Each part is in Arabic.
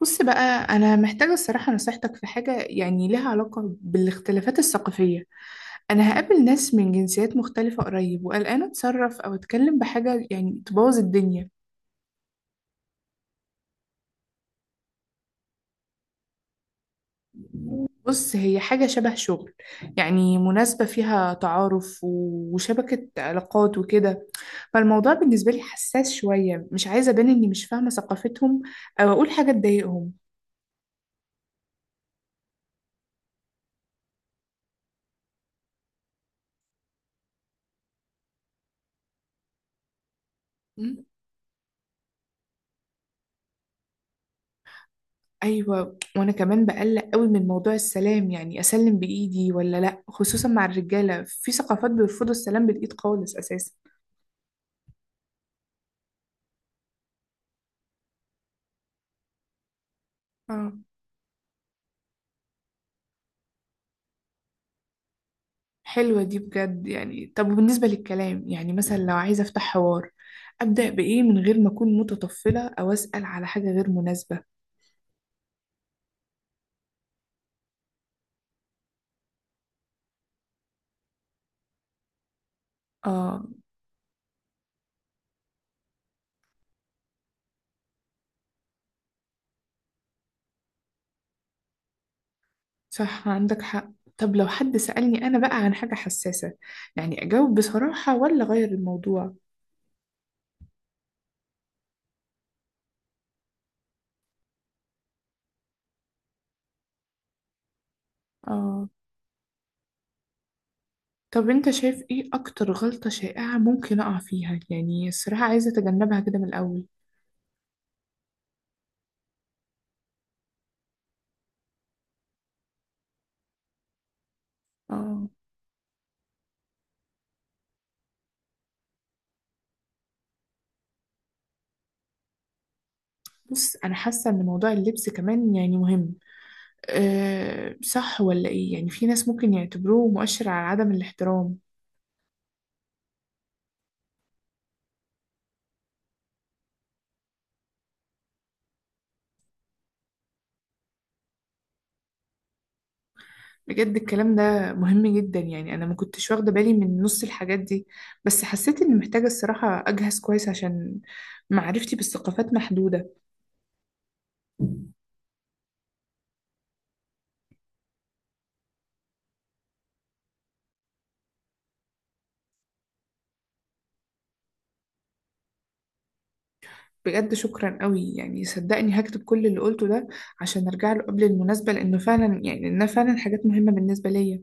بص بقى، أنا محتاجة الصراحة نصيحتك في حاجة يعني لها علاقة بالاختلافات الثقافية. أنا هقابل ناس من جنسيات مختلفة قريب، وقلقانة أتصرف أو أتكلم بحاجة يعني تبوظ الدنيا. بص، هي حاجة شبه شغل. يعني مناسبة فيها تعارف وشبكة علاقات وكده. فالموضوع بالنسبة لي حساس شوية، مش عايزة أبان إني مش فاهمة ثقافتهم، أو أقول حاجة تضايقهم. ايوه، وانا كمان بقلق قوي من موضوع السلام، يعني اسلم بايدي ولا لا، خصوصا مع الرجاله، في ثقافات بيرفضوا السلام بالايد خالص اساسا. اه، حلوه دي بجد. يعني طب، وبالنسبه للكلام، يعني مثلا لو عايزه افتح حوار، ابدا بايه من غير ما اكون متطفله او اسال على حاجه غير مناسبه؟ اه، صح، عندك حق. طب لو حد سالني انا بقى عن حاجه حساسه، يعني اجاوب بصراحه ولا اغير الموضوع؟ آه. طب انت شايف ايه اكتر غلطة شائعة ممكن اقع فيها؟ يعني الصراحة عايزة اتجنبها كده من الاول. اه. بص، انا حاسة ان موضوع اللبس كمان يعني مهم. أه صح، ولا ايه؟ يعني في ناس ممكن يعتبروه مؤشر على عدم الاحترام. بجد الكلام ده مهم جدا، يعني انا ما كنتش واخدة بالي من نص الحاجات دي. بس حسيت اني محتاجة الصراحة اجهز كويس، عشان معرفتي بالثقافات محدودة. بجد شكرا قوي، يعني صدقني هكتب كل اللي قلته ده، عشان ارجع له قبل المناسبة، لانها فعلا حاجات مهمة بالنسبة ليا.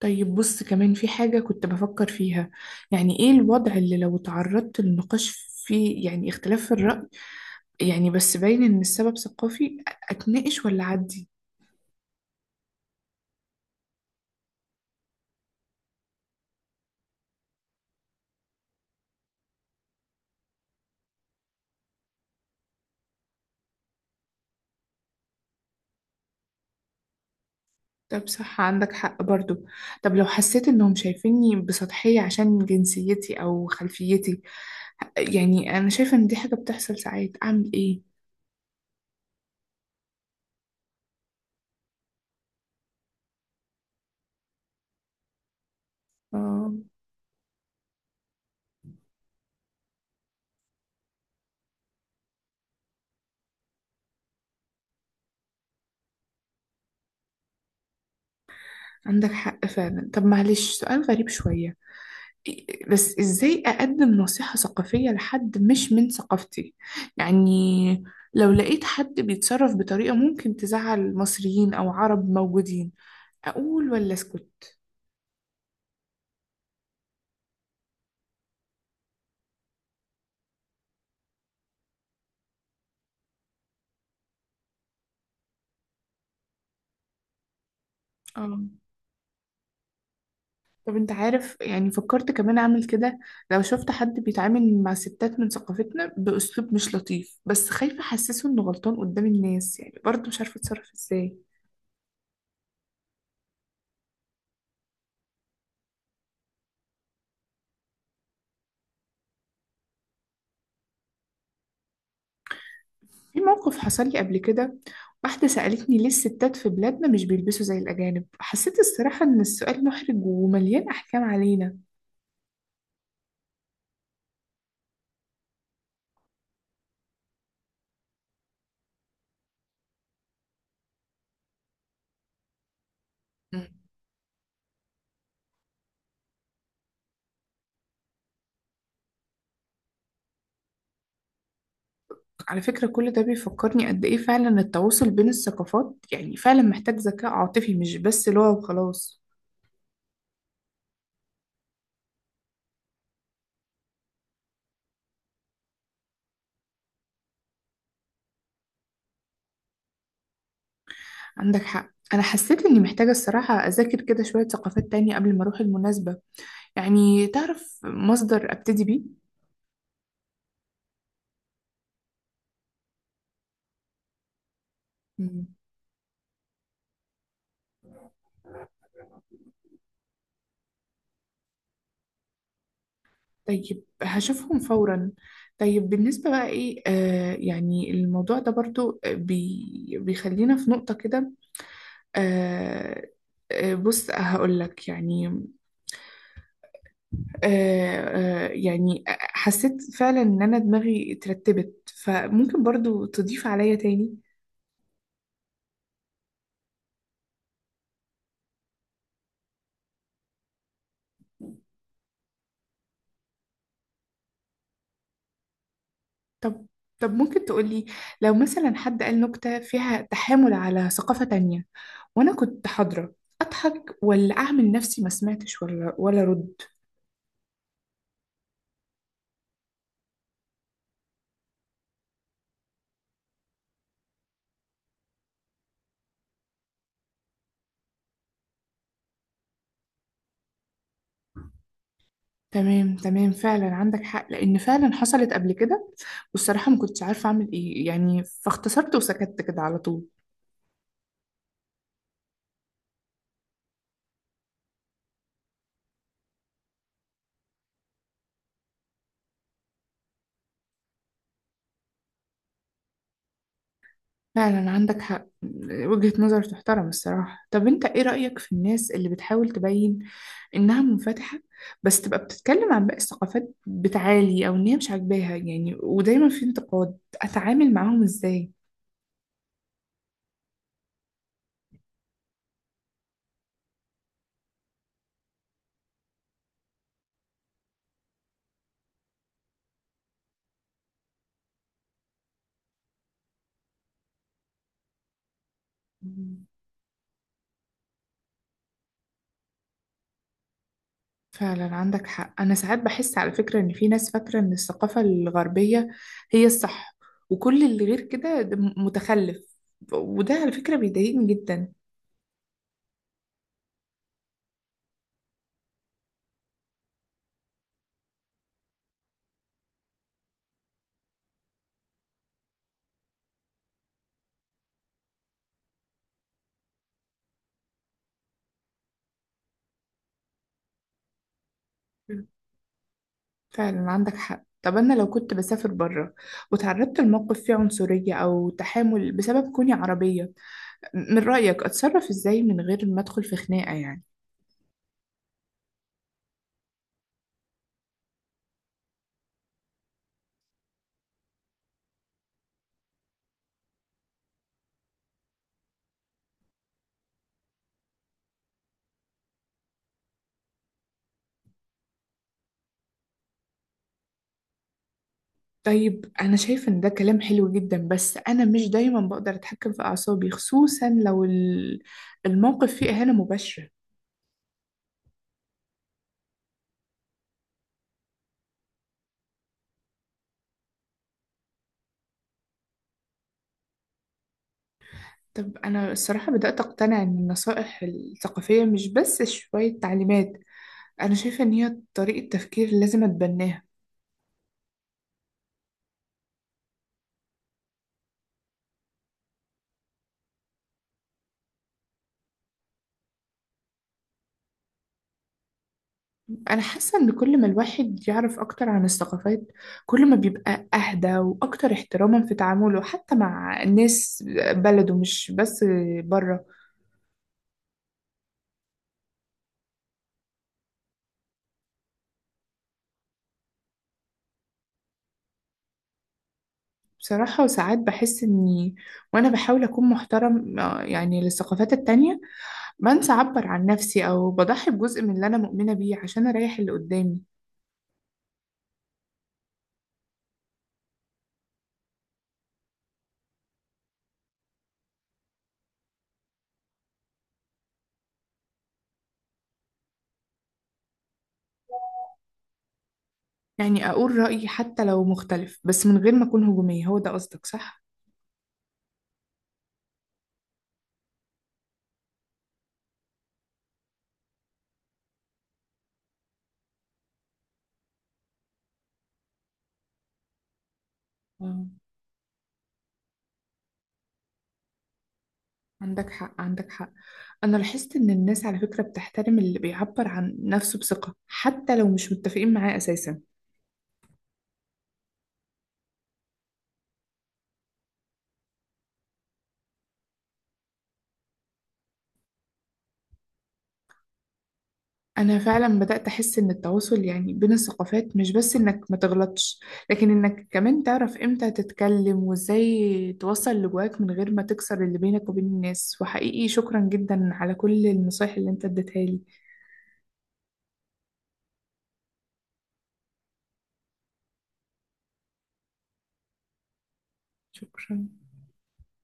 طيب بص، كمان في حاجة كنت بفكر فيها. يعني ايه الوضع اللي لو تعرضت للنقاش فيه يعني اختلاف في الرأي، يعني بس باين ان السبب ثقافي، اتناقش ولا عدي؟ طب صح، عندك حق برضو. طب لو حسيت انهم شايفيني بسطحية عشان جنسيتي او خلفيتي، يعني انا شايفة ان دي حاجة بتحصل ساعات، اعمل ايه؟ آه. عندك حق فعلا. طب معلش، سؤال غريب شوية. بس ازاي اقدم نصيحة ثقافية لحد مش من ثقافتي؟ يعني لو لقيت حد بيتصرف بطريقة ممكن تزعل مصريين او عرب موجودين، اقول ولا اسكت؟ اه. طب انت عارف، يعني فكرت كمان اعمل كده، لو شفت حد بيتعامل مع ستات من ثقافتنا باسلوب مش لطيف، بس خايفة احسسه انه غلطان قدام الناس، يعني برضه مش عارفة اتصرف ازاي. في موقف حصل لي قبل كده، واحدة سألتني ليه الستات في بلادنا مش بيلبسوا زي الأجانب، حسيت الصراحة إن السؤال محرج ومليان أحكام علينا. مم. على فكرة كل ده بيفكرني قد إيه فعلا التواصل بين الثقافات، يعني فعلا محتاج ذكاء عاطفي مش بس لغة وخلاص. عندك حق، أنا حسيت إني محتاجة الصراحة أذاكر كده شوية ثقافات تانية قبل ما أروح المناسبة. يعني تعرف مصدر أبتدي بيه؟ مم. طيب هشوفهم فورا. طيب بالنسبة بقى ايه، يعني الموضوع ده برضو بيخلينا في نقطة كده. آه بص هقول لك يعني يعني حسيت فعلا ان انا دماغي اترتبت، فممكن برضو تضيف عليا تاني. طب طب، ممكن تقولي، لو مثلا حد قال نكتة فيها تحامل على ثقافة تانية وانا كنت حاضرة، اضحك ولا اعمل نفسي ما سمعتش ولا رد؟ تمام تمام، فعلا عندك حق، لان فعلا حصلت قبل كده. والصراحه ما كنتش عارفه اعمل ايه، يعني فاختصرت وسكت كده على طول. فعلا عندك حق، وجهة نظر تحترم الصراحه. طب انت ايه رايك في الناس اللي بتحاول تبين انها منفتحه، بس تبقى بتتكلم عن باقي الثقافات بتعالي، او ان هي مش عاجباها يعني، ودايما في انتقاد، اتعامل معاهم ازاي؟ فعلا عندك حق، أنا ساعات بحس على فكرة إن في ناس فاكرة إن الثقافة الغربية هي الصح، وكل اللي غير كده ده متخلف، وده على فكرة بيضايقني جدا. فعلا عندك حق. طب أنا لو كنت بسافر بره، وتعرضت لموقف فيه عنصرية أو تحامل بسبب كوني عربية، من رأيك أتصرف إزاي من غير ما أدخل في خناقة يعني؟ طيب أنا شايفة إن ده كلام حلو جدا، بس أنا مش دايما بقدر أتحكم في أعصابي، خصوصا لو الموقف فيه إهانة مباشرة. طب أنا الصراحة بدأت أقتنع إن النصائح الثقافية مش بس شوية تعليمات، أنا شايفة إن هي طريقة تفكير لازم أتبناها. أنا حاسة إن كل ما الواحد يعرف أكتر عن الثقافات، كل ما بيبقى أهدى وأكتر احتراما في تعامله، حتى مع الناس بلده مش بس بره. بصراحة وساعات بحس إني وأنا بحاول أكون محترم يعني للثقافات التانية، بنسى أعبر عن نفسي أو بضحي بجزء من اللي أنا مؤمنة بيه عشان أريح اللي قدامي. يعني أقول رأيي حتى لو مختلف، بس من غير ما أكون هجومية، هو ده قصدك صح؟ مم. عندك حق، عندك حق. أنا لاحظت إن الناس على فكرة بتحترم اللي بيعبر عن نفسه بثقة، حتى لو مش متفقين معاه أساسا. أنا فعلا بدأت أحس إن التواصل يعني بين الثقافات مش بس إنك ما تغلطش، لكن إنك كمان تعرف إمتى تتكلم وإزاي توصل اللي جواك من غير ما تكسر اللي بينك وبين الناس. وحقيقي شكرا جدا على كل النصايح اللي أنت اديتها لي. شكرا.